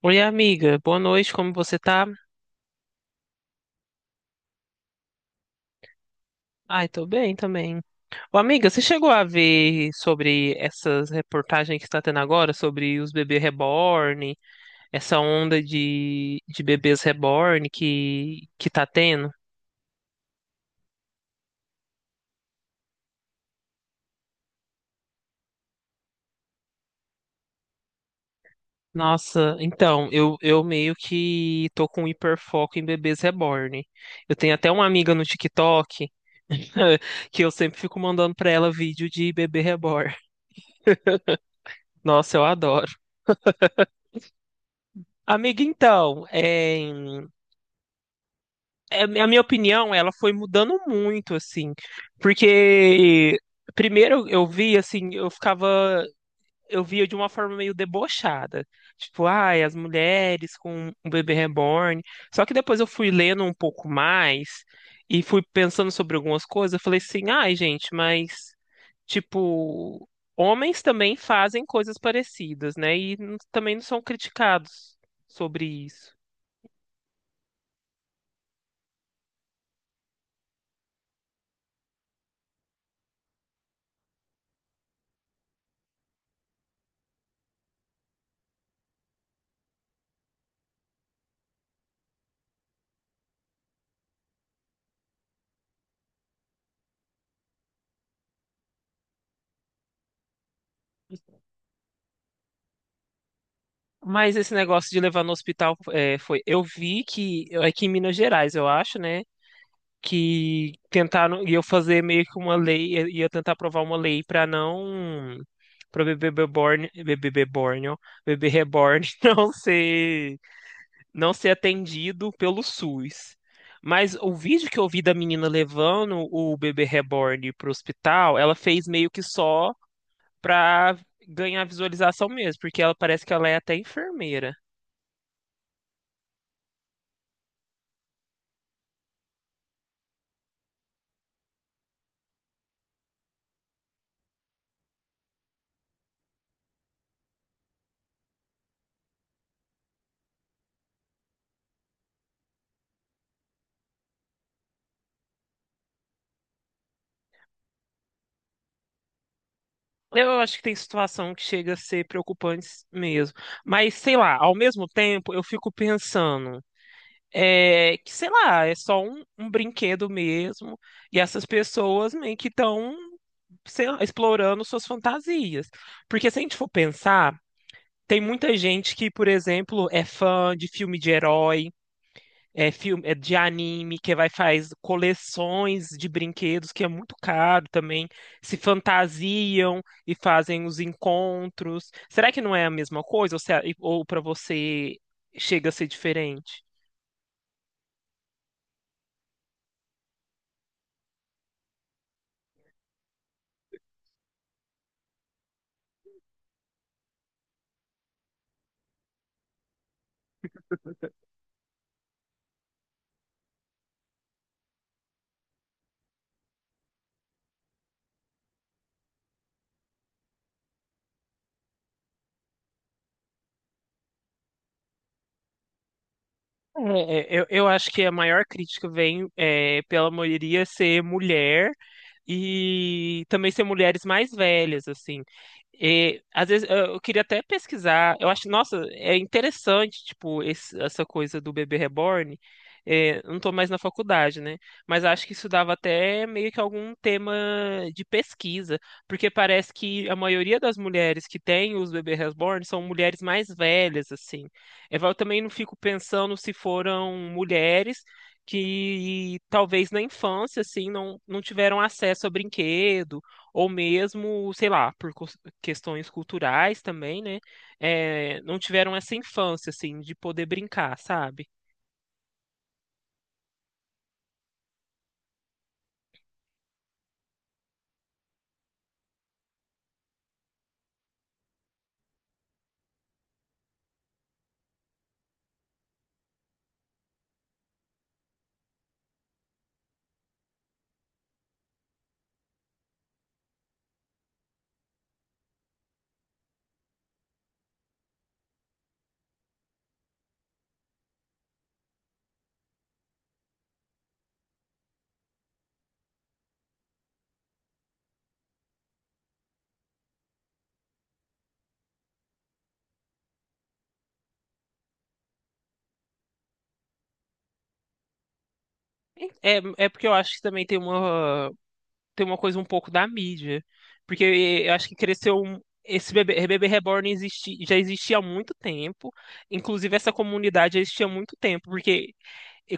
Oi, amiga. Boa noite, como você tá? Ai, tô bem também. Ô, amiga, você chegou a ver sobre essas reportagens que está tendo agora sobre os bebês reborn, essa onda de bebês reborn que tá tendo? Nossa, então, eu meio que tô com hiperfoco em bebês reborn. Eu tenho até uma amiga no TikTok que eu sempre fico mandando pra ela vídeo de bebê reborn. Nossa, eu adoro. Amiga, então, a minha opinião, ela foi mudando muito, assim, porque primeiro eu vi, assim, eu ficava, eu via de uma forma meio debochada, tipo, ai, as mulheres com um bebê reborn, só que depois eu fui lendo um pouco mais e fui pensando sobre algumas coisas, eu falei assim, ai, gente, mas, tipo, homens também fazem coisas parecidas, né, e também não são criticados sobre isso. Mas esse negócio de levar no hospital foi. Eu vi que é aqui em Minas Gerais, eu acho, né? Que tentaram, e eu fazer meio que uma lei, ia tentar aprovar uma lei para não. Para bebê reborn não ser, não ser atendido pelo SUS. Mas o vídeo que eu vi da menina levando o bebê reborn pro hospital, ela fez meio que só pra ganhar visualização mesmo, porque ela parece que ela é até enfermeira. Eu acho que tem situação que chega a ser preocupante mesmo. Mas, sei lá, ao mesmo tempo eu fico pensando que, sei lá, é só um brinquedo mesmo. E essas pessoas meio que estão, sei lá, explorando suas fantasias. Porque se a gente for pensar, tem muita gente que, por exemplo, é fã de filme de herói é filme é de anime que vai faz coleções de brinquedos que é muito caro também, se fantasiam e fazem os encontros. Será que não é a mesma coisa ou, se- ou para você chega a ser diferente? Eu acho que a maior crítica vem é, pela maioria ser mulher. E também ser mulheres mais velhas, assim. E, às vezes eu queria até pesquisar. Eu acho, nossa, é interessante, tipo, essa coisa do bebê reborn. É, eu não tô mais na faculdade, né? Mas acho que isso dava até meio que algum tema de pesquisa, porque parece que a maioria das mulheres que têm os bebês reborn são mulheres mais velhas, assim. É, eu também não fico pensando se foram mulheres que talvez na infância, assim, não tiveram acesso a brinquedo, ou mesmo, sei lá, por questões culturais também, né? É, não tiveram essa infância, assim, de poder brincar, sabe? É, é porque eu acho que também tem uma coisa um pouco da mídia, porque eu acho que esse bebê Reborn existi, já existia há muito tempo. Inclusive, essa comunidade já existia há muito tempo, porque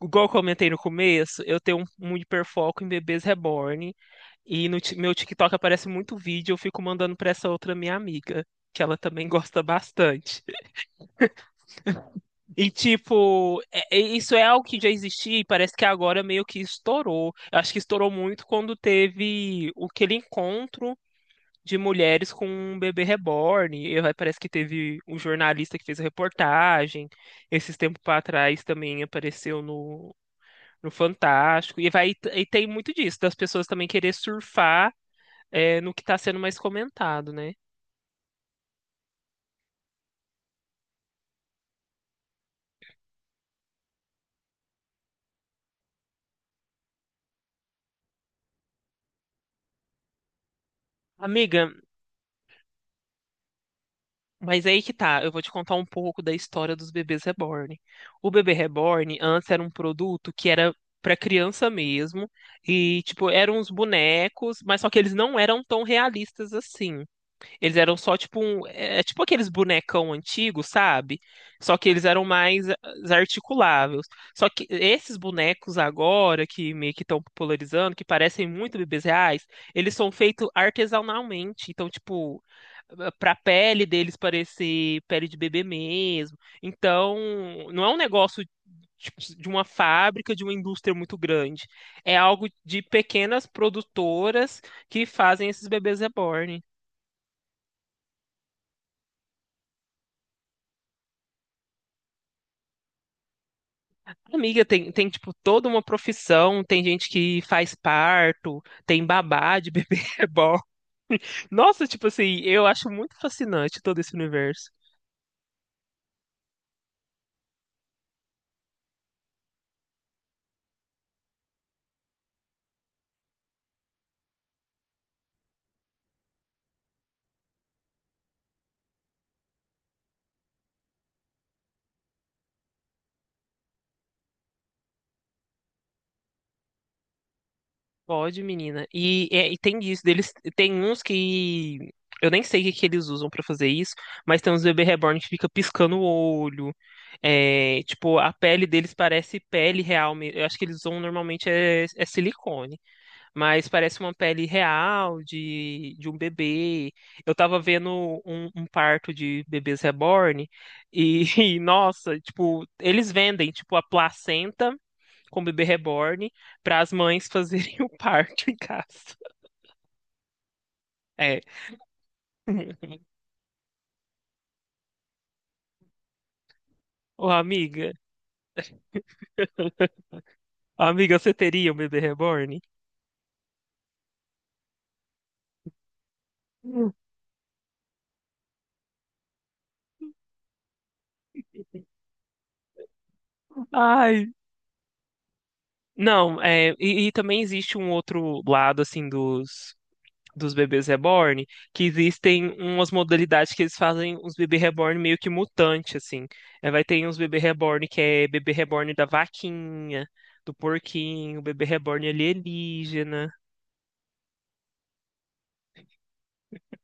igual eu comentei no começo, eu tenho um hiperfoco em bebês reborn. E no ti- meu TikTok aparece muito vídeo, eu fico mandando pra essa outra minha amiga, que ela também gosta bastante. E, tipo, isso é algo que já existia e parece que agora meio que estourou. Eu acho que estourou muito quando teve o aquele encontro de mulheres com um bebê reborn. E aí parece que teve um jornalista que fez a reportagem. Esses tempos para trás também apareceu no Fantástico. E vai, e tem muito disso, das pessoas também querer surfar, é, no que tá sendo mais comentado, né? Amiga, mas aí que tá, eu vou te contar um pouco da história dos bebês reborn. O bebê reborn antes era um produto que era pra criança mesmo, e tipo, eram uns bonecos, mas só que eles não eram tão realistas assim. Eles eram só tipo um. É é tipo aqueles bonecão antigos, sabe? Só que eles eram mais articuláveis. Só que esses bonecos agora, que meio que estão popularizando, que parecem muito bebês reais, eles são feitos artesanalmente. Então, tipo, pra pele deles parecer pele de bebê mesmo. Então, não é um negócio. Tipo, de uma fábrica, de uma indústria muito grande. É algo de pequenas produtoras que fazem esses bebês reborn. Amiga, tem, tipo, toda uma profissão, tem gente que faz parto, tem babá de bebê reborn. Nossa, tipo assim, eu acho muito fascinante todo esse universo. Pode, menina. E tem isso, deles, tem uns que eu nem sei o que, que eles usam pra fazer isso, mas tem uns bebê reborn que fica piscando o olho. É, tipo, a pele deles parece pele real. Mesmo eu acho que eles usam normalmente é silicone. Mas parece uma pele real de um bebê. Eu tava vendo um parto de bebês reborn e, e, nossa, tipo, eles vendem tipo a placenta com bebê reborn para as mães fazerem o parto em casa. É. Ô, amiga, você teria um bebê reborn? Ai, não, e também existe um outro lado assim dos bebês reborn, que existem umas modalidades que eles fazem os bebês reborn meio que mutante, assim. É, vai ter uns bebê reborn que é bebê reborn da vaquinha, do porquinho, bebê reborn alienígena.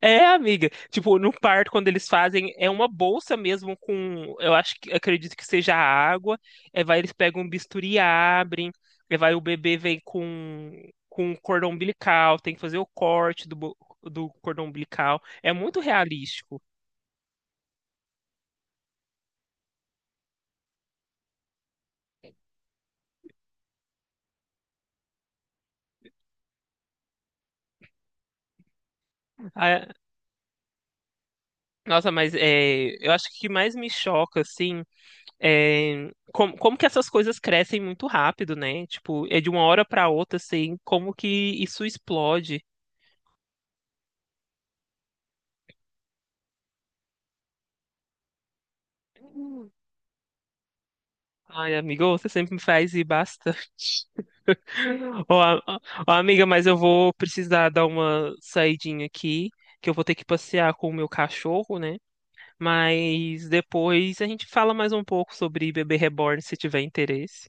É, amiga. Tipo, no parto, quando eles fazem, é uma bolsa mesmo com, eu acho que, acredito que seja água. É, vai, eles pegam um bisturi, e abrem. É, vai, o bebê vem com cordão umbilical, tem que fazer o corte do cordão umbilical. É muito realístico. Ah, nossa, mas é, eu acho que o que mais me choca, assim, é como, como que essas coisas crescem muito rápido, né? Tipo, é de uma hora para outra, assim, como que isso explode. Ai, amigo, você sempre me faz e basta. Ô, a- ô, amiga, mas eu vou precisar dar uma saidinha aqui, que eu vou ter que passear com o meu cachorro, né? Mas depois a gente fala mais um pouco sobre Bebê Reborn, se tiver interesse.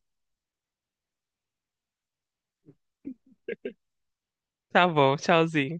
Tá bom, tchauzinho.